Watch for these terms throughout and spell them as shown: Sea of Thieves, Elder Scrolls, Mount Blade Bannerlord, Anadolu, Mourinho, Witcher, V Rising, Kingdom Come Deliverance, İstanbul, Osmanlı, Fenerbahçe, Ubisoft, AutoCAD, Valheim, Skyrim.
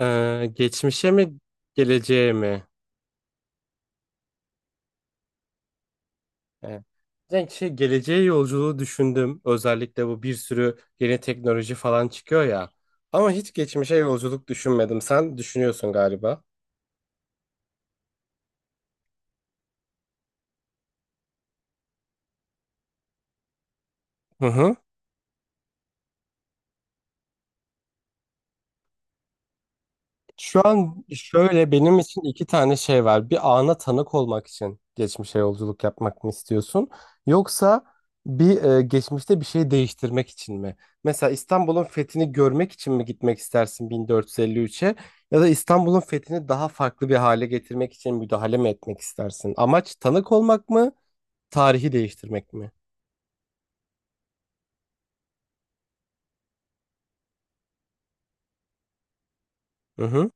Geçmişe mi geleceğe mi? Ee, Ben şey, geleceğe yolculuğu düşündüm. Özellikle bu bir sürü yeni teknoloji falan çıkıyor ya. Ama hiç geçmişe yolculuk düşünmedim. Sen düşünüyorsun galiba. Hı hı. Şu an şöyle benim için iki tane şey var. Bir ana tanık olmak için geçmişe yolculuk yapmak mı istiyorsun? Yoksa bir geçmişte bir şey değiştirmek için mi? Mesela İstanbul'un fethini görmek için mi gitmek istersin 1453'e? Ya da İstanbul'un fethini daha farklı bir hale getirmek için müdahale mi etmek istersin? Amaç tanık olmak mı? Tarihi değiştirmek mi? Hı hı,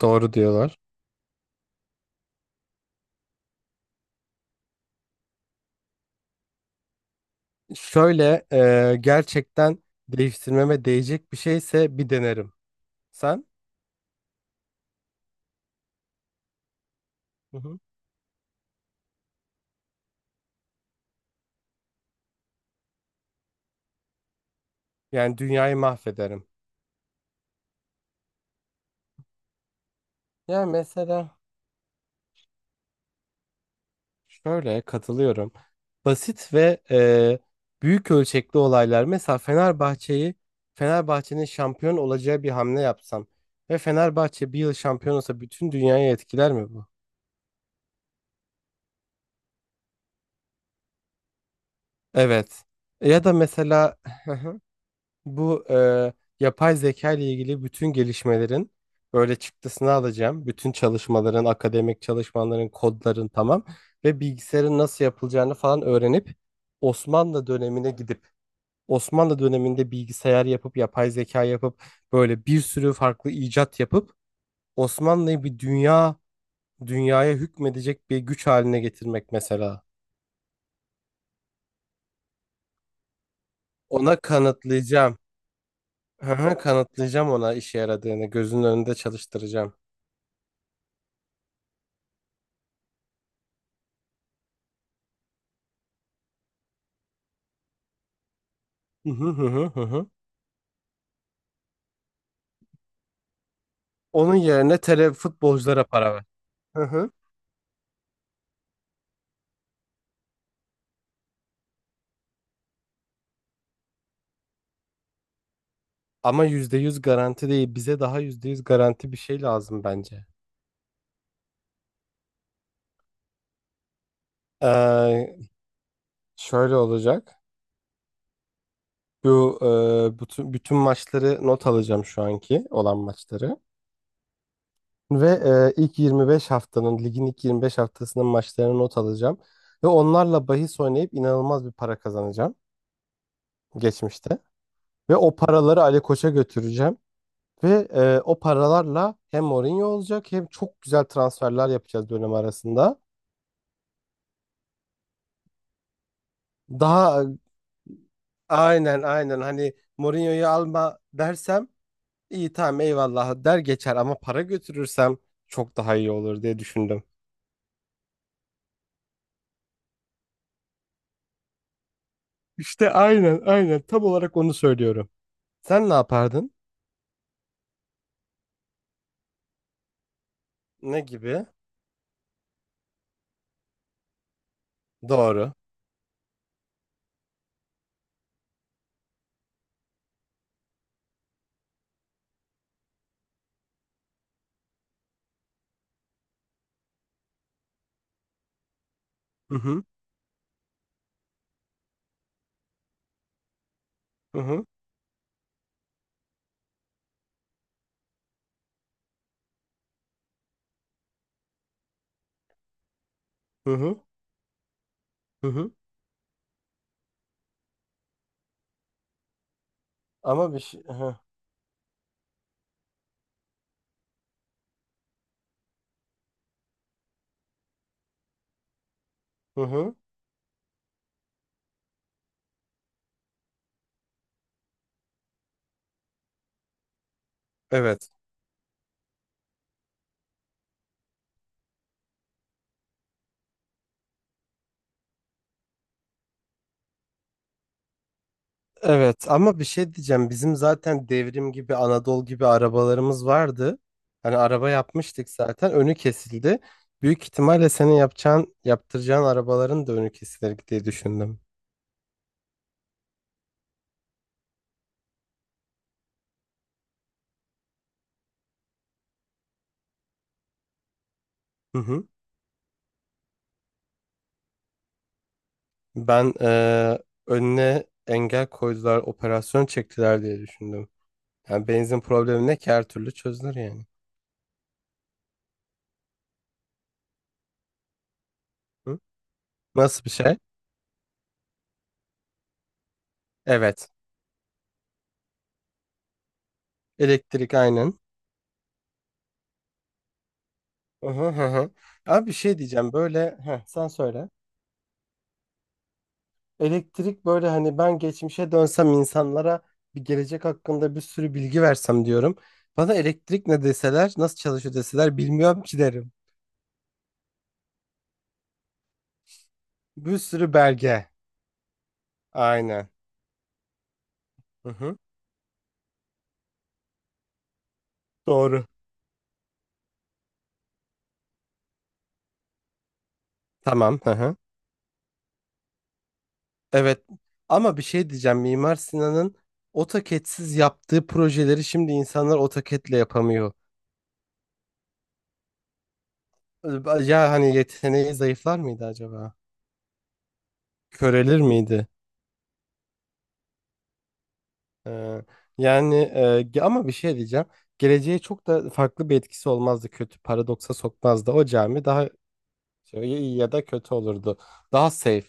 doğru diyorlar. Şöyle gerçekten değiştirmeme değecek bir şeyse bir denerim. Sen? Yani dünyayı mahvederim. Yani mesela şöyle katılıyorum. Basit ve büyük ölçekli olaylar. Mesela Fenerbahçe'yi, Fenerbahçe'nin şampiyon olacağı bir hamle yapsam ve Fenerbahçe bir yıl şampiyon olsa bütün dünyayı etkiler mi bu? Evet. Ya da mesela bu yapay zeka ile ilgili bütün gelişmelerin böyle çıktısını alacağım. Bütün çalışmaların, akademik çalışmaların, kodların tamam ve bilgisayarın nasıl yapılacağını falan öğrenip Osmanlı dönemine gidip Osmanlı döneminde bilgisayar yapıp yapay zeka yapıp böyle bir sürü farklı icat yapıp Osmanlı'yı bir dünyaya hükmedecek bir güç haline getirmek mesela. Ona kanıtlayacağım. Hı hı, kanıtlayacağım ona işe yaradığını, gözünün önünde çalıştıracağım. Hı hı hı hı hı hı. Onun yerine tele futbolculara para ver. Hı hı. Ama %100 garanti değil. Bize daha %100 garanti bir şey lazım bence. Ee, Şöyle olacak. Bu bütün maçları not alacağım şu anki olan maçları. Ve ilk 25 haftanın, ligin ilk 25 haftasının maçlarını not alacağım. Ve onlarla bahis oynayıp inanılmaz bir para kazanacağım geçmişte. Ve o paraları Ali Koç'a götüreceğim. Ve o paralarla hem Mourinho olacak hem çok güzel transferler yapacağız dönem arasında. Daha aynen aynen hani Mourinho'yu alma dersem iyi tamam eyvallah der geçer ama para götürürsem çok daha iyi olur diye düşündüm. İşte aynen aynen tam olarak onu söylüyorum. Sen ne yapardın? Ne gibi? Doğru. Hı hı. Hı hı. Hı hı. Hı hı. Ama bir şey. Hı hı. Hı hı. Evet. Evet ama bir şey diyeceğim. Bizim zaten devrim gibi Anadolu gibi arabalarımız vardı. Hani araba yapmıştık zaten. Önü kesildi. Büyük ihtimalle senin yapacağın, yaptıracağın arabaların da önü kesilir diye düşündüm. Hı hı. Ben önüne engel koydular, operasyon çektiler diye düşündüm. Yani benzin problemi ne ki her türlü çözülür yani. Hı? Nasıl bir şey? Evet. Elektrik aynen. Hı hı hı. Hı. Abi bir şey diyeceğim. Böyle sen söyle. Elektrik böyle hani ben geçmişe dönsem insanlara bir gelecek hakkında bir sürü bilgi versem diyorum. Bana elektrik ne deseler, nasıl çalışıyor deseler bilmiyorum ki derim. Bir sürü belge. Aynen. Hı hı. Doğru. Tamam. Hı hı. Evet. Ama bir şey diyeceğim. Mimar Sinan'ın AutoCAD'siz yaptığı projeleri şimdi insanlar AutoCAD'le yapamıyor. Ya hani yeteneği zayıflar mıydı acaba? Körelir miydi? Ee, Yani ama bir şey diyeceğim. Geleceğe çok da farklı bir etkisi olmazdı. Kötü paradoksa sokmazdı. O cami daha şey, iyi ya da kötü olurdu. Daha safe.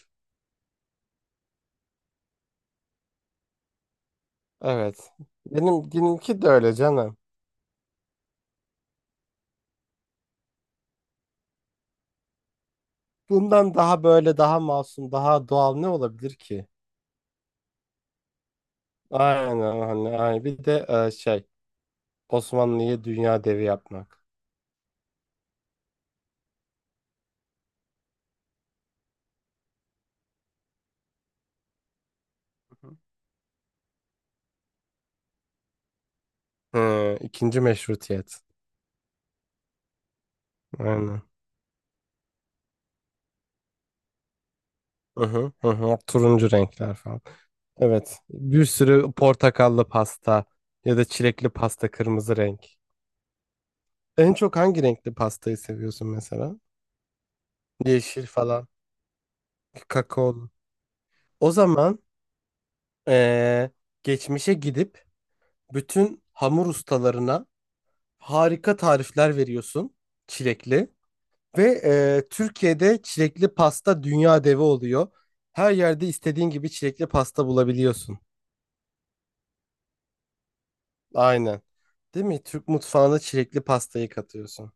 Evet. Benim benimki de öyle canım. Bundan daha böyle daha masum, daha doğal ne olabilir ki? Aynen hani aynen. Bir de şey Osmanlı'yı dünya devi yapmak. Hı ikinci meşrutiyet. Aynen. Hı hı, hı hı. Turuncu renkler falan. Evet. Bir sürü portakallı pasta ya da çilekli pasta kırmızı renk. En çok hangi renkli pastayı seviyorsun mesela? Yeşil falan. Kakaolu. O zaman eee, geçmişe gidip bütün hamur ustalarına harika tarifler veriyorsun çilekli. Ve Türkiye'de çilekli pasta dünya devi oluyor. Her yerde istediğin gibi çilekli pasta bulabiliyorsun. Aynen. Değil mi? Türk mutfağına çilekli pastayı katıyorsun.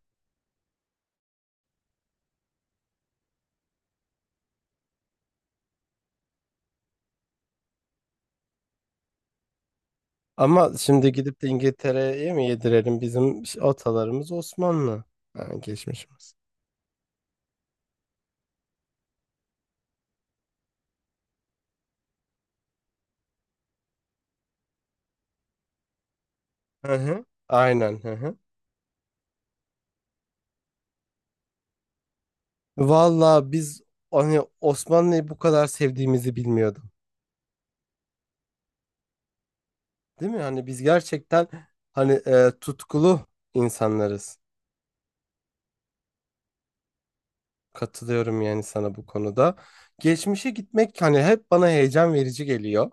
Ama şimdi gidip de İngiltere'ye mi yedirelim? Bizim atalarımız Osmanlı. Ha, geçmişimiz. Hı hı. Aynen. Hı hı. Valla biz hani Osmanlı'yı bu kadar sevdiğimizi bilmiyordum. Değil mi? Hani biz gerçekten hani tutkulu insanlarız. Katılıyorum yani sana bu konuda. Geçmişe gitmek hani hep bana heyecan verici geliyor.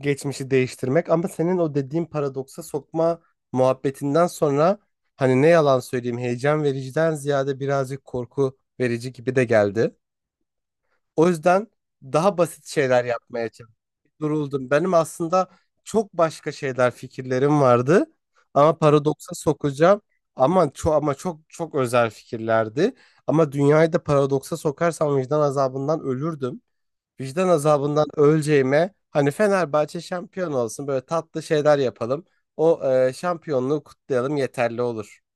Geçmişi değiştirmek ama senin o dediğin paradoksa sokma muhabbetinden sonra hani ne yalan söyleyeyim heyecan vericiden ziyade birazcık korku verici gibi de geldi. O yüzden daha basit şeyler yapmaya çalıştım. Duruldum. Benim aslında çok başka şeyler fikirlerim vardı ama paradoksa sokacağım ama çok ama çok çok özel fikirlerdi. Ama dünyayı da paradoksa sokarsam vicdan azabından ölürdüm. Vicdan azabından öleceğime hani Fenerbahçe şampiyon olsun böyle tatlı şeyler yapalım. O şampiyonluğu kutlayalım yeterli olur.